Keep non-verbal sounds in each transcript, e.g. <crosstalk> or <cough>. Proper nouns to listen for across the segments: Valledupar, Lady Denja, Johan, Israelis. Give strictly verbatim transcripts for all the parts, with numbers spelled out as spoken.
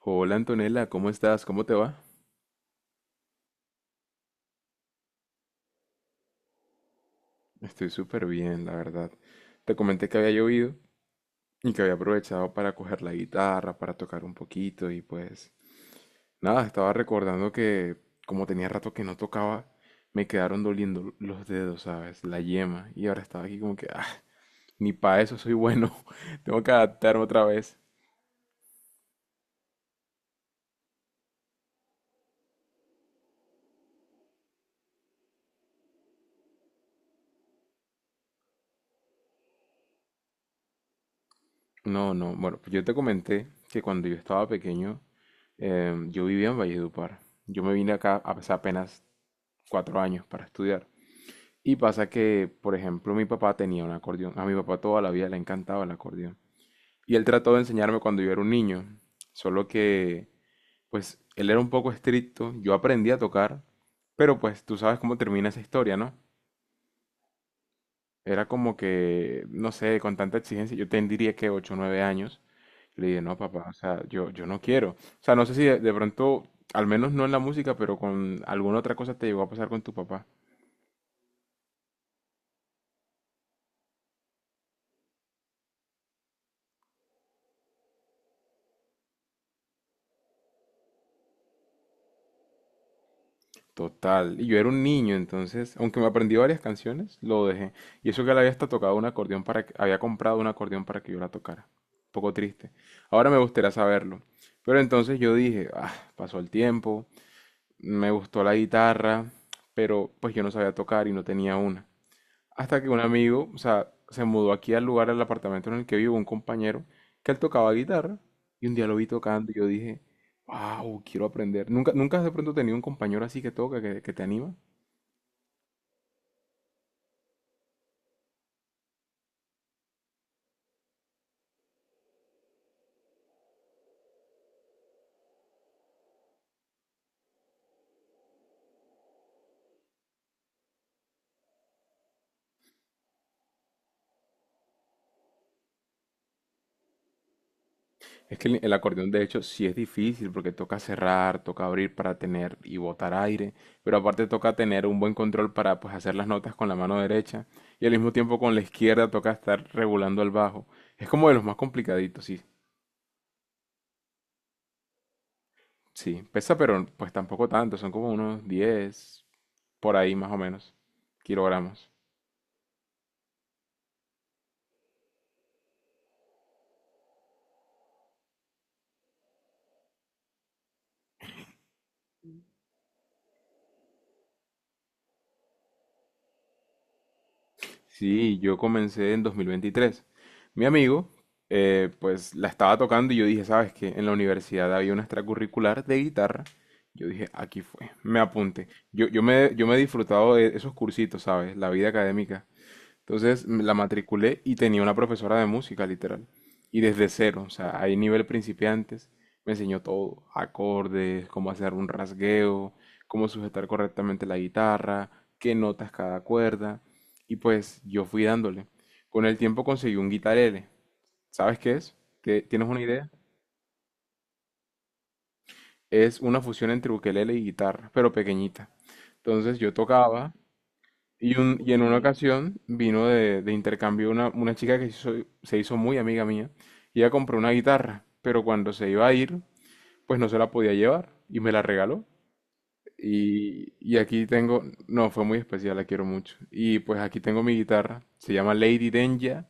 Hola Antonella, ¿cómo estás? ¿Cómo te va? Estoy súper bien, la verdad. Te comenté que había llovido y que había aprovechado para coger la guitarra, para tocar un poquito y pues nada, estaba recordando que como tenía rato que no tocaba, me quedaron doliendo los dedos, ¿sabes? La yema. Y ahora estaba aquí como que, ah, ni para eso soy bueno, <laughs> tengo que adaptarme otra vez. No, no, bueno, pues yo te comenté que cuando yo estaba pequeño, em, yo vivía en Valledupar. Yo me vine acá hace apenas cuatro años para estudiar. Y pasa que, por ejemplo, mi papá tenía un acordeón. A mi papá toda la vida le encantaba el acordeón. Y él trató de enseñarme cuando yo era un niño. Solo que, pues, él era un poco estricto. Yo aprendí a tocar. Pero, pues, tú sabes cómo termina esa historia, ¿no? Era como que, no sé, con tanta exigencia. Yo tendría que ocho o nueve años. Le dije, no, papá, o sea, yo, yo no quiero. O sea, no sé si de, de pronto, al menos no en la música, pero con alguna otra cosa te llegó a pasar con tu papá. Total. Y yo era un niño, entonces, aunque me aprendí varias canciones, lo dejé. Y eso que él había hasta tocado un acordeón para que, había comprado un acordeón para que yo la tocara. Un poco triste. Ahora me gustaría saberlo. Pero entonces yo dije, ah, pasó el tiempo, me gustó la guitarra, pero pues yo no sabía tocar y no tenía una. Hasta que un amigo, o sea, se mudó aquí al lugar, al apartamento en el que vivo, un compañero, que él tocaba guitarra. Y un día lo vi tocando y yo dije, wow, quiero aprender. ¿Nunca, nunca has de pronto tenido un compañero así que toca, que, que te anima? Es que el, el acordeón, de hecho, sí es difícil porque toca cerrar, toca abrir para tener y botar aire. Pero aparte toca tener un buen control para pues, hacer las notas con la mano derecha. Y al mismo tiempo con la izquierda toca estar regulando el bajo. Es como de los más complicaditos. Sí, sí, pesa, pero pues tampoco tanto, son como unos diez por ahí más o menos, kilogramos. Sí, yo comencé en dos mil veintitrés. Mi amigo, eh, pues la estaba tocando y yo dije, ¿sabes qué? En la universidad había una extracurricular de guitarra. Yo dije, aquí fue, me apunté. Yo, yo me, yo me he disfrutado de esos cursitos, ¿sabes? La vida académica. Entonces me la matriculé y tenía una profesora de música, literal. Y desde cero, o sea, hay nivel principiantes, me enseñó todo, acordes, cómo hacer un rasgueo, cómo sujetar correctamente la guitarra, qué notas cada cuerda. Y pues yo fui dándole. Con el tiempo conseguí un guitarele. ¿Sabes qué es? ¿Te- ¿Tienes una idea? Es una fusión entre ukelele y guitarra, pero pequeñita. Entonces yo tocaba. Y, un- y en una ocasión vino de, de intercambio una, una chica que se hizo, se hizo muy amiga mía. Y ella compró una guitarra, pero cuando se iba a ir, pues no se la podía llevar y me la regaló. Y, y aquí tengo, no, fue muy especial, la quiero mucho. Y pues aquí tengo mi guitarra, se llama Lady Denja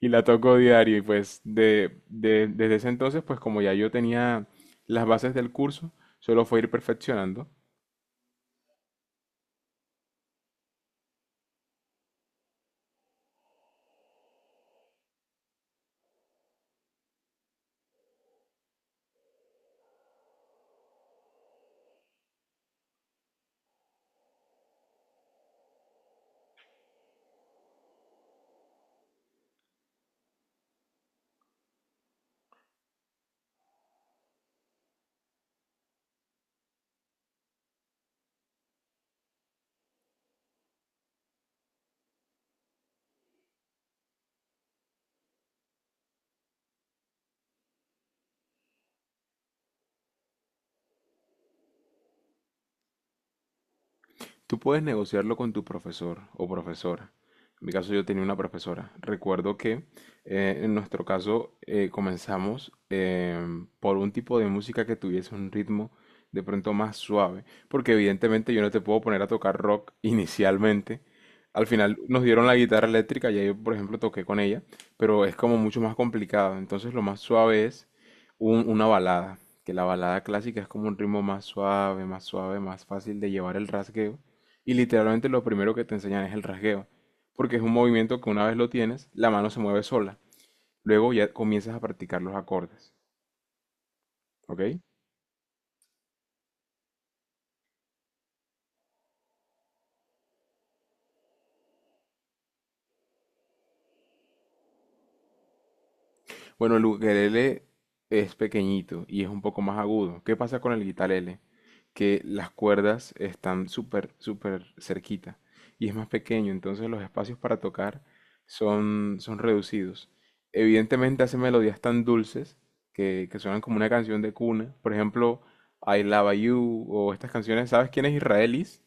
y la toco diario. Y pues de, de- desde ese entonces, pues como ya yo tenía las bases del curso, solo fue ir perfeccionando. Tú puedes negociarlo con tu profesor o profesora. En mi caso yo tenía una profesora. Recuerdo que eh, en nuestro caso eh, comenzamos em, por un tipo de música que tuviese un ritmo de pronto más suave, porque evidentemente yo no te puedo poner a tocar rock <laughs> inicialmente. Al final nos dieron la guitarra eléctrica, ya yo por ejemplo toqué con ella, pero es como mucho más complicado. Entonces lo más suave es un- una balada, que la balada clásica es como un ritmo más suave, más suave, más fácil de llevar el rasgueo. Y literalmente lo primero que te enseñan es el rasgueo, porque es un movimiento que una vez lo tienes, la mano se mueve sola. Luego ya comienzas a practicar los acordes, ¿ok? Bueno, el ukelele es pequeñito y es un poco más agudo. ¿Qué pasa con el guitarlele? Que las cuerdas están súper, súper cerquita y es más pequeño, entonces los espacios para tocar son, son reducidos. Evidentemente hace melodías tan dulces que, que suenan como una canción de cuna. Por ejemplo, I Love You o estas canciones. ¿Sabes quién es Israelis?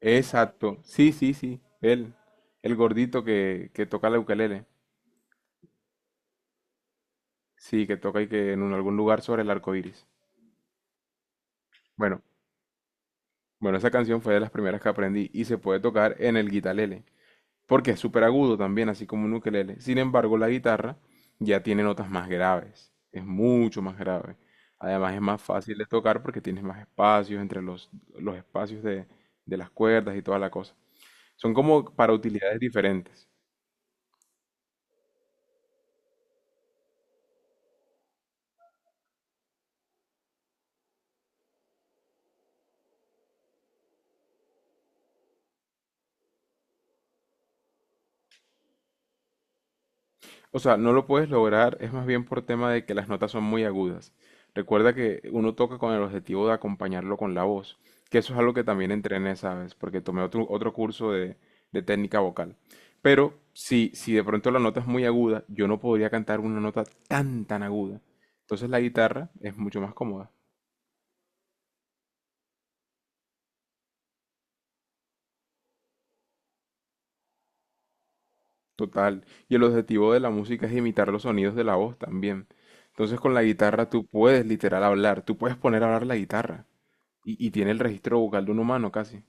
Exacto. Sí, sí, sí. Él. El gordito que, que toca la ukelele. Sí, que toca y que en un- algún lugar sobre el arco iris. Bueno, bueno, esa canción fue de las primeras que aprendí y se puede tocar en el guitalele, porque es súper agudo también, así como un ukelele. Sin embargo, la guitarra ya tiene notas más graves, es mucho más grave. Además, es más fácil de tocar porque tienes más espacios entre los, los espacios de, de las cuerdas y toda la cosa. Son como para utilidades diferentes. O sea, no lo puedes lograr, es más bien por tema de que las notas son muy agudas. Recuerda que uno toca con el objetivo de acompañarlo con la voz, que eso es algo que también entrené, ¿sabes? Porque tomé otro, otro curso de, de técnica vocal. Pero si, si de pronto la nota es muy aguda, yo no podría cantar una nota tan, tan aguda. Entonces la guitarra es mucho más cómoda. Total. Y el objetivo de la música es imitar los sonidos de la voz también. Entonces con la guitarra tú puedes literal hablar, tú puedes poner a hablar la guitarra. Y, y tiene el registro vocal de un humano casi.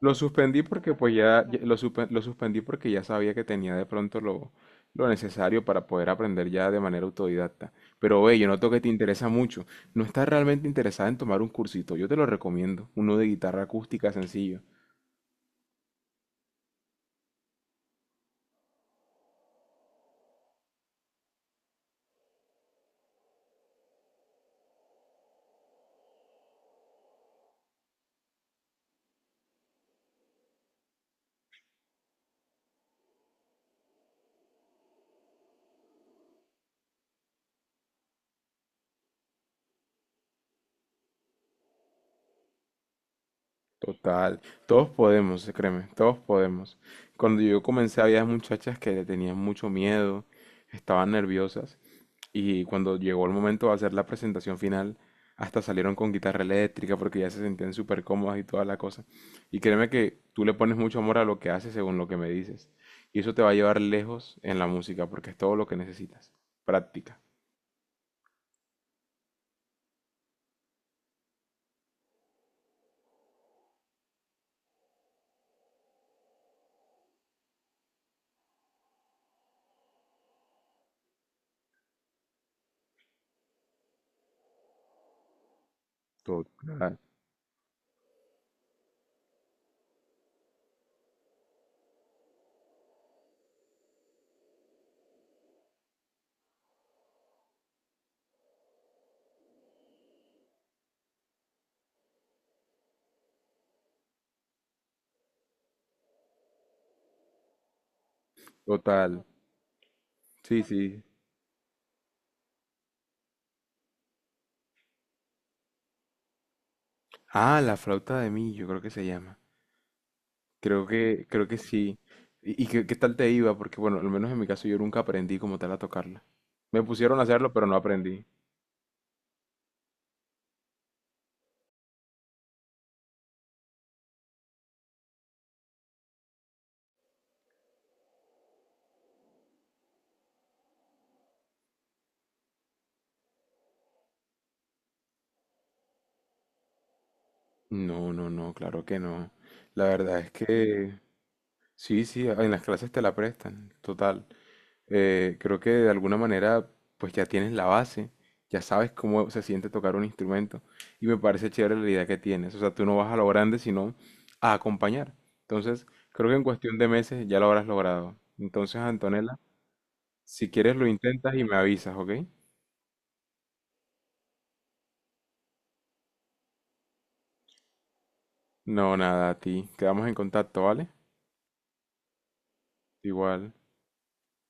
Lo suspendí porque pues ya, ya- lo, suspe- lo suspendí porque ya sabía que tenía de pronto lo, lo necesario para poder aprender ya de manera autodidacta. Pero ve, yo noto que te interesa mucho. No estás realmente interesada en tomar un cursito. Yo te lo recomiendo. Uno de guitarra acústica sencillo. Total. Todos podemos, créeme. Todos podemos. Cuando yo comencé había muchachas que le tenían mucho miedo, estaban nerviosas. Y cuando llegó el momento de hacer la presentación final, hasta salieron con guitarra eléctrica porque ya se sentían súper cómodas y toda la cosa. Y créeme que tú le pones mucho amor a lo que haces según lo que me dices. Y eso te va a llevar lejos en la música porque es todo lo que necesitas. Práctica. Total. Total. Sí, sí. Ah, la flauta de mí, yo creo que se llama. Creo que, creo que sí. ¿Y, y qué, qué tal te iba? Porque bueno, al menos en mi caso yo nunca aprendí como tal a tocarla. Me pusieron a hacerlo, pero no aprendí. No, no, no, claro que no. La verdad es que sí, sí, en las clases te la prestan, total. Eh, creo que de alguna manera pues ya tienes la base, ya sabes cómo se siente tocar un instrumento y me parece chévere la idea que tienes. O sea, tú no vas a lo grande sino a acompañar. Entonces, creo que en cuestión de meses ya lo habrás logrado. Entonces, Antonella, si quieres lo intentas y me avisas, ¿ok? No, nada, a ti. Quedamos en contacto, ¿vale? Igual.